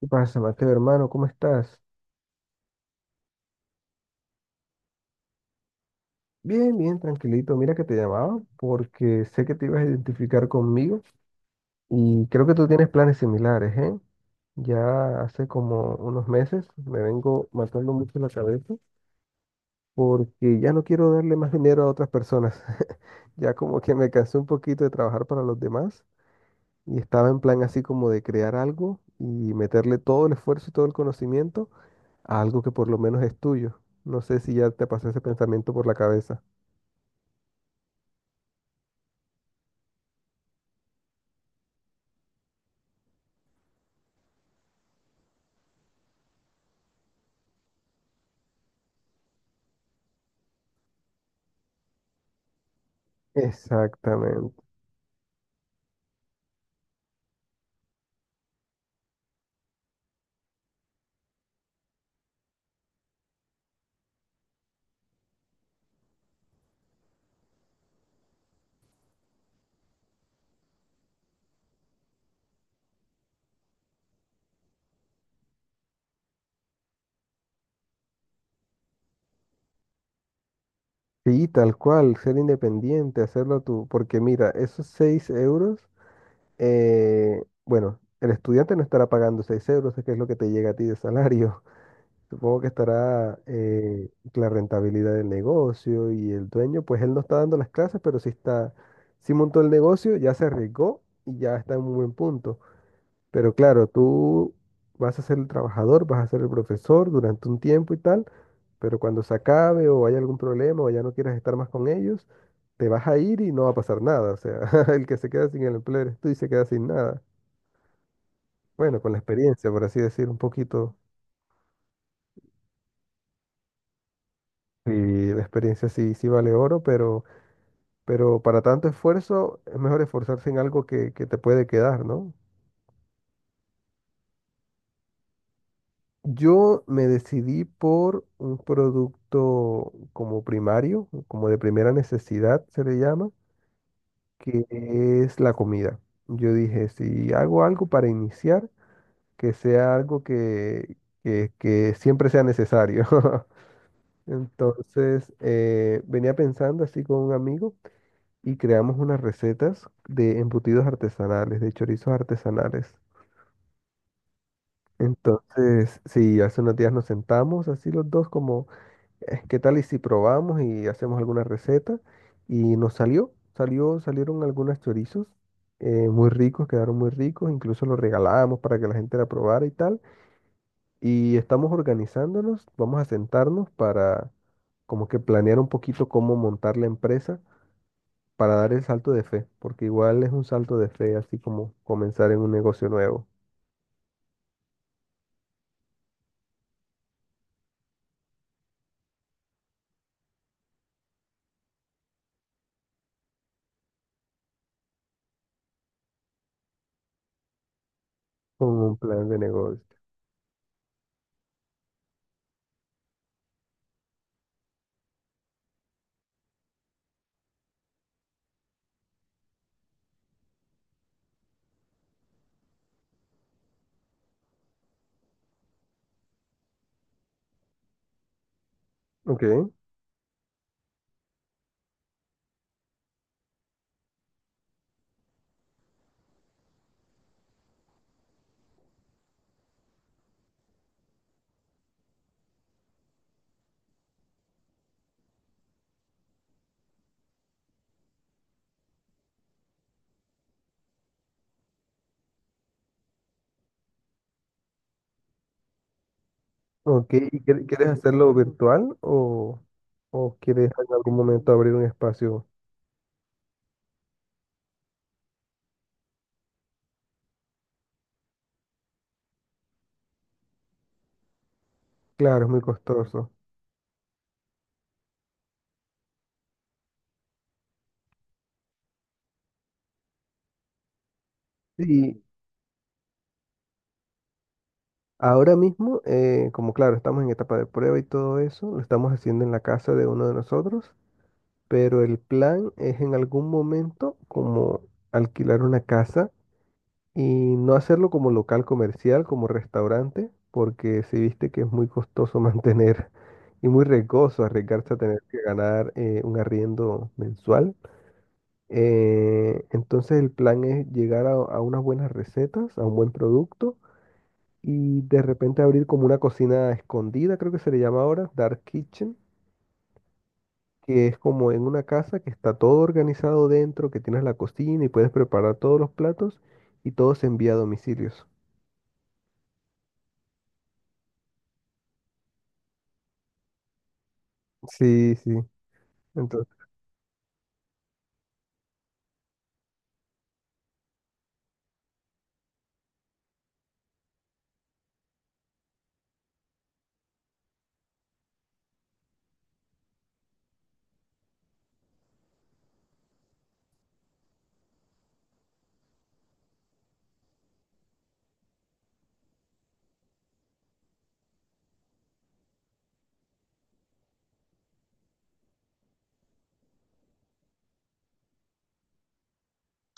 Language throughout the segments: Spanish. ¿Qué pasa, Mateo, hermano? ¿Cómo estás? Bien, bien, tranquilito. Mira que te llamaba porque sé que te ibas a identificar conmigo y creo que tú tienes planes similares, ¿eh? Ya hace como unos meses me vengo matando mucho la cabeza porque ya no quiero darle más dinero a otras personas. Ya como que me cansé un poquito de trabajar para los demás y estaba en plan así como de crear algo y meterle todo el esfuerzo y todo el conocimiento a algo que por lo menos es tuyo. No sé si ya te pasó ese pensamiento por la cabeza. Exactamente. Sí, tal cual, ser independiente, hacerlo tú, porque mira, esos 6 euros, bueno, el estudiante no estará pagando 6 euros, que es lo que te llega a ti de salario. Supongo que estará la rentabilidad del negocio y el dueño, pues él no está dando las clases, pero sí está, sí montó el negocio, ya se arriesgó y ya está en un buen punto. Pero claro, tú vas a ser el trabajador, vas a ser el profesor durante un tiempo y tal, pero cuando se acabe o haya algún problema o ya no quieras estar más con ellos, te vas a ir y no va a pasar nada. O sea, el que se queda sin el empleo eres tú y se queda sin nada. Bueno, con la experiencia, por así decir, un poquito. Y la experiencia sí, sí vale oro, pero para tanto esfuerzo es mejor esforzarse en algo que te puede quedar, ¿no? Yo me decidí por un producto como primario, como de primera necesidad se le llama, que es la comida. Yo dije, si hago algo para iniciar, que sea algo que siempre sea necesario. Entonces, venía pensando así con un amigo y creamos unas recetas de embutidos artesanales, de chorizos artesanales. Entonces, sí, hace unos días nos sentamos así los dos como ¿qué tal y si probamos y hacemos alguna receta? Y nos salieron algunos chorizos, muy ricos, quedaron muy ricos, incluso los regalábamos para que la gente la probara y tal. Y estamos organizándonos, vamos a sentarnos para como que planear un poquito cómo montar la empresa para dar el salto de fe, porque igual es un salto de fe, así como comenzar en un negocio nuevo, con un plan de negocio. Ok. Ok, ¿y quieres hacerlo virtual o quieres en algún momento abrir un espacio? Claro, es muy costoso. Sí, ahora mismo, como claro, estamos en etapa de prueba y todo eso, lo estamos haciendo en la casa de uno de nosotros, pero el plan es en algún momento como alquilar una casa y no hacerlo como local comercial, como restaurante, porque si viste que es muy costoso mantener y muy riesgoso arriesgarse a tener que ganar un arriendo mensual. Entonces el plan es llegar a unas buenas recetas, a un buen producto y de repente abrir como una cocina escondida, creo que se le llama ahora, Dark Kitchen, que es como en una casa que está todo organizado dentro, que tienes la cocina y puedes preparar todos los platos y todo se envía a domicilios. Sí, sí. Entonces,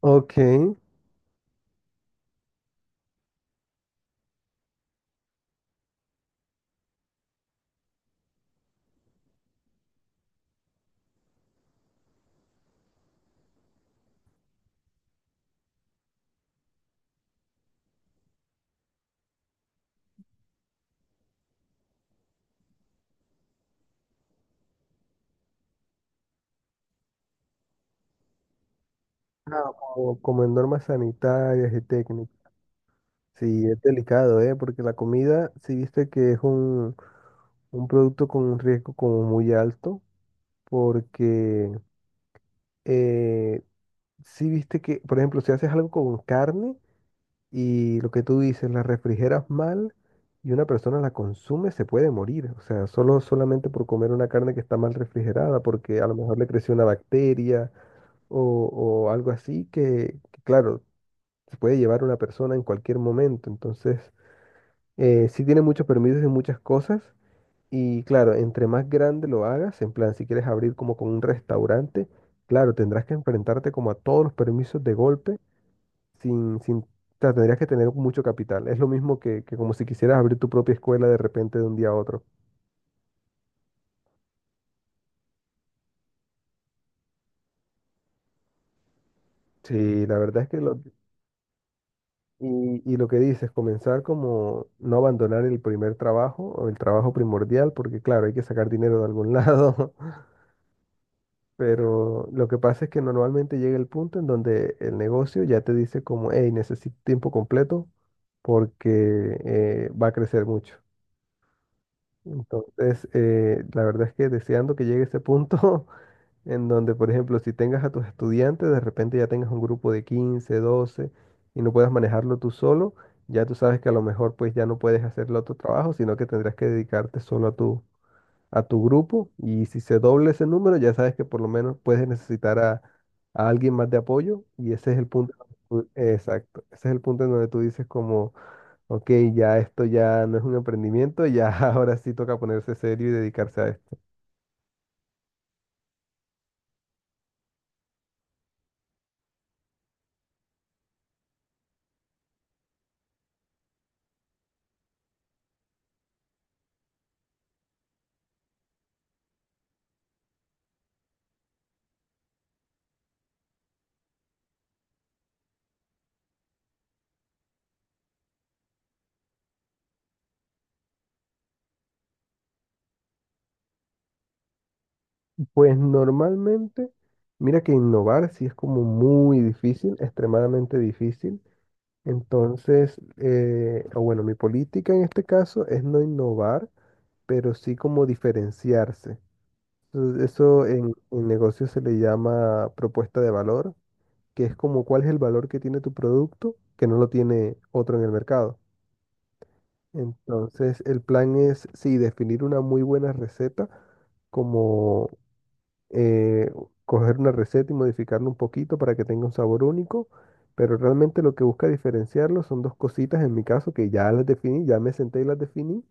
ok. Ah, como, como en normas sanitarias y técnicas. Sí, es delicado, ¿eh? Porque la comida, si viste que es un producto con un riesgo como muy alto porque eh, si viste que, por ejemplo, si haces algo con carne y lo que tú dices, la refrigeras mal y una persona la consume, se puede morir. O sea, solo solamente por comer una carne que está mal refrigerada, porque a lo mejor le creció una bacteria o, o algo así que, claro, se puede llevar a una persona en cualquier momento. Entonces, sí tiene muchos permisos y muchas cosas. Y claro, entre más grande lo hagas, en plan, si quieres abrir como con un restaurante, claro, tendrás que enfrentarte como a todos los permisos de golpe, sin, sin, o sea, tendrías que tener mucho capital. Es lo mismo que como si quisieras abrir tu propia escuela de repente de un día a otro. Sí, la verdad es que lo, y lo que dices, comenzar como no abandonar el primer trabajo o el trabajo primordial, porque claro, hay que sacar dinero de algún lado. Pero lo que pasa es que normalmente llega el punto en donde el negocio ya te dice como, hey, necesito tiempo completo porque va a crecer mucho. Entonces, la verdad es que deseando que llegue ese punto en donde, por ejemplo, si tengas a tus estudiantes, de repente ya tengas un grupo de 15 12 y no puedas manejarlo tú solo, ya tú sabes que a lo mejor pues ya no puedes hacer el otro trabajo, sino que tendrás que dedicarte solo a tu grupo y si se doble ese número, ya sabes que por lo menos puedes necesitar a alguien más de apoyo y ese es el punto. En donde exacto, ese es el punto en donde tú dices como, ok, ya esto ya no es un emprendimiento, ya ahora sí toca ponerse serio y dedicarse a esto. Pues normalmente, mira que innovar sí es como muy difícil, extremadamente difícil. Entonces, o bueno, mi política en este caso es no innovar, pero sí como diferenciarse. Entonces, eso en negocios se le llama propuesta de valor, que es como cuál es el valor que tiene tu producto que no lo tiene otro en el mercado. Entonces, el plan es, sí, definir una muy buena receta, como eh, coger una receta y modificarla un poquito para que tenga un sabor único, pero realmente lo que busca diferenciarlo son dos cositas en mi caso que ya las definí, ya me senté y las definí,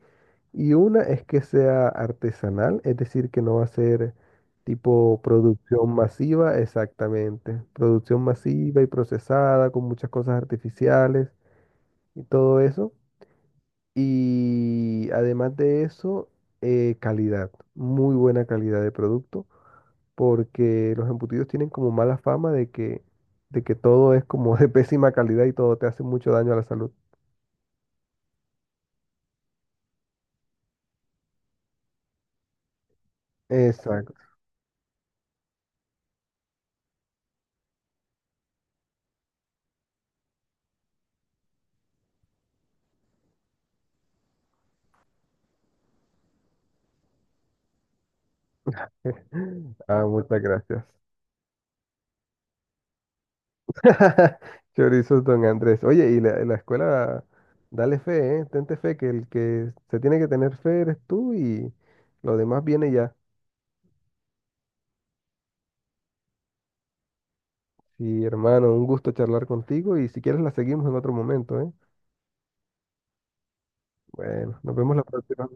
y una es que sea artesanal, es decir, que no va a ser tipo producción masiva, exactamente. Producción masiva y procesada con muchas cosas artificiales y todo eso. Y además de eso, calidad, muy buena calidad de producto, porque los embutidos tienen como mala fama de de que todo es como de pésima calidad y todo te hace mucho daño a la salud. Exacto. Ah, muchas gracias. Chorizos Don Andrés. Oye, y la escuela, dale fe, ¿eh? Tente fe, que el que se tiene que tener fe eres tú y lo demás viene ya. Sí, hermano, un gusto charlar contigo y si quieres la seguimos en otro momento, ¿eh? Bueno, nos vemos la próxima.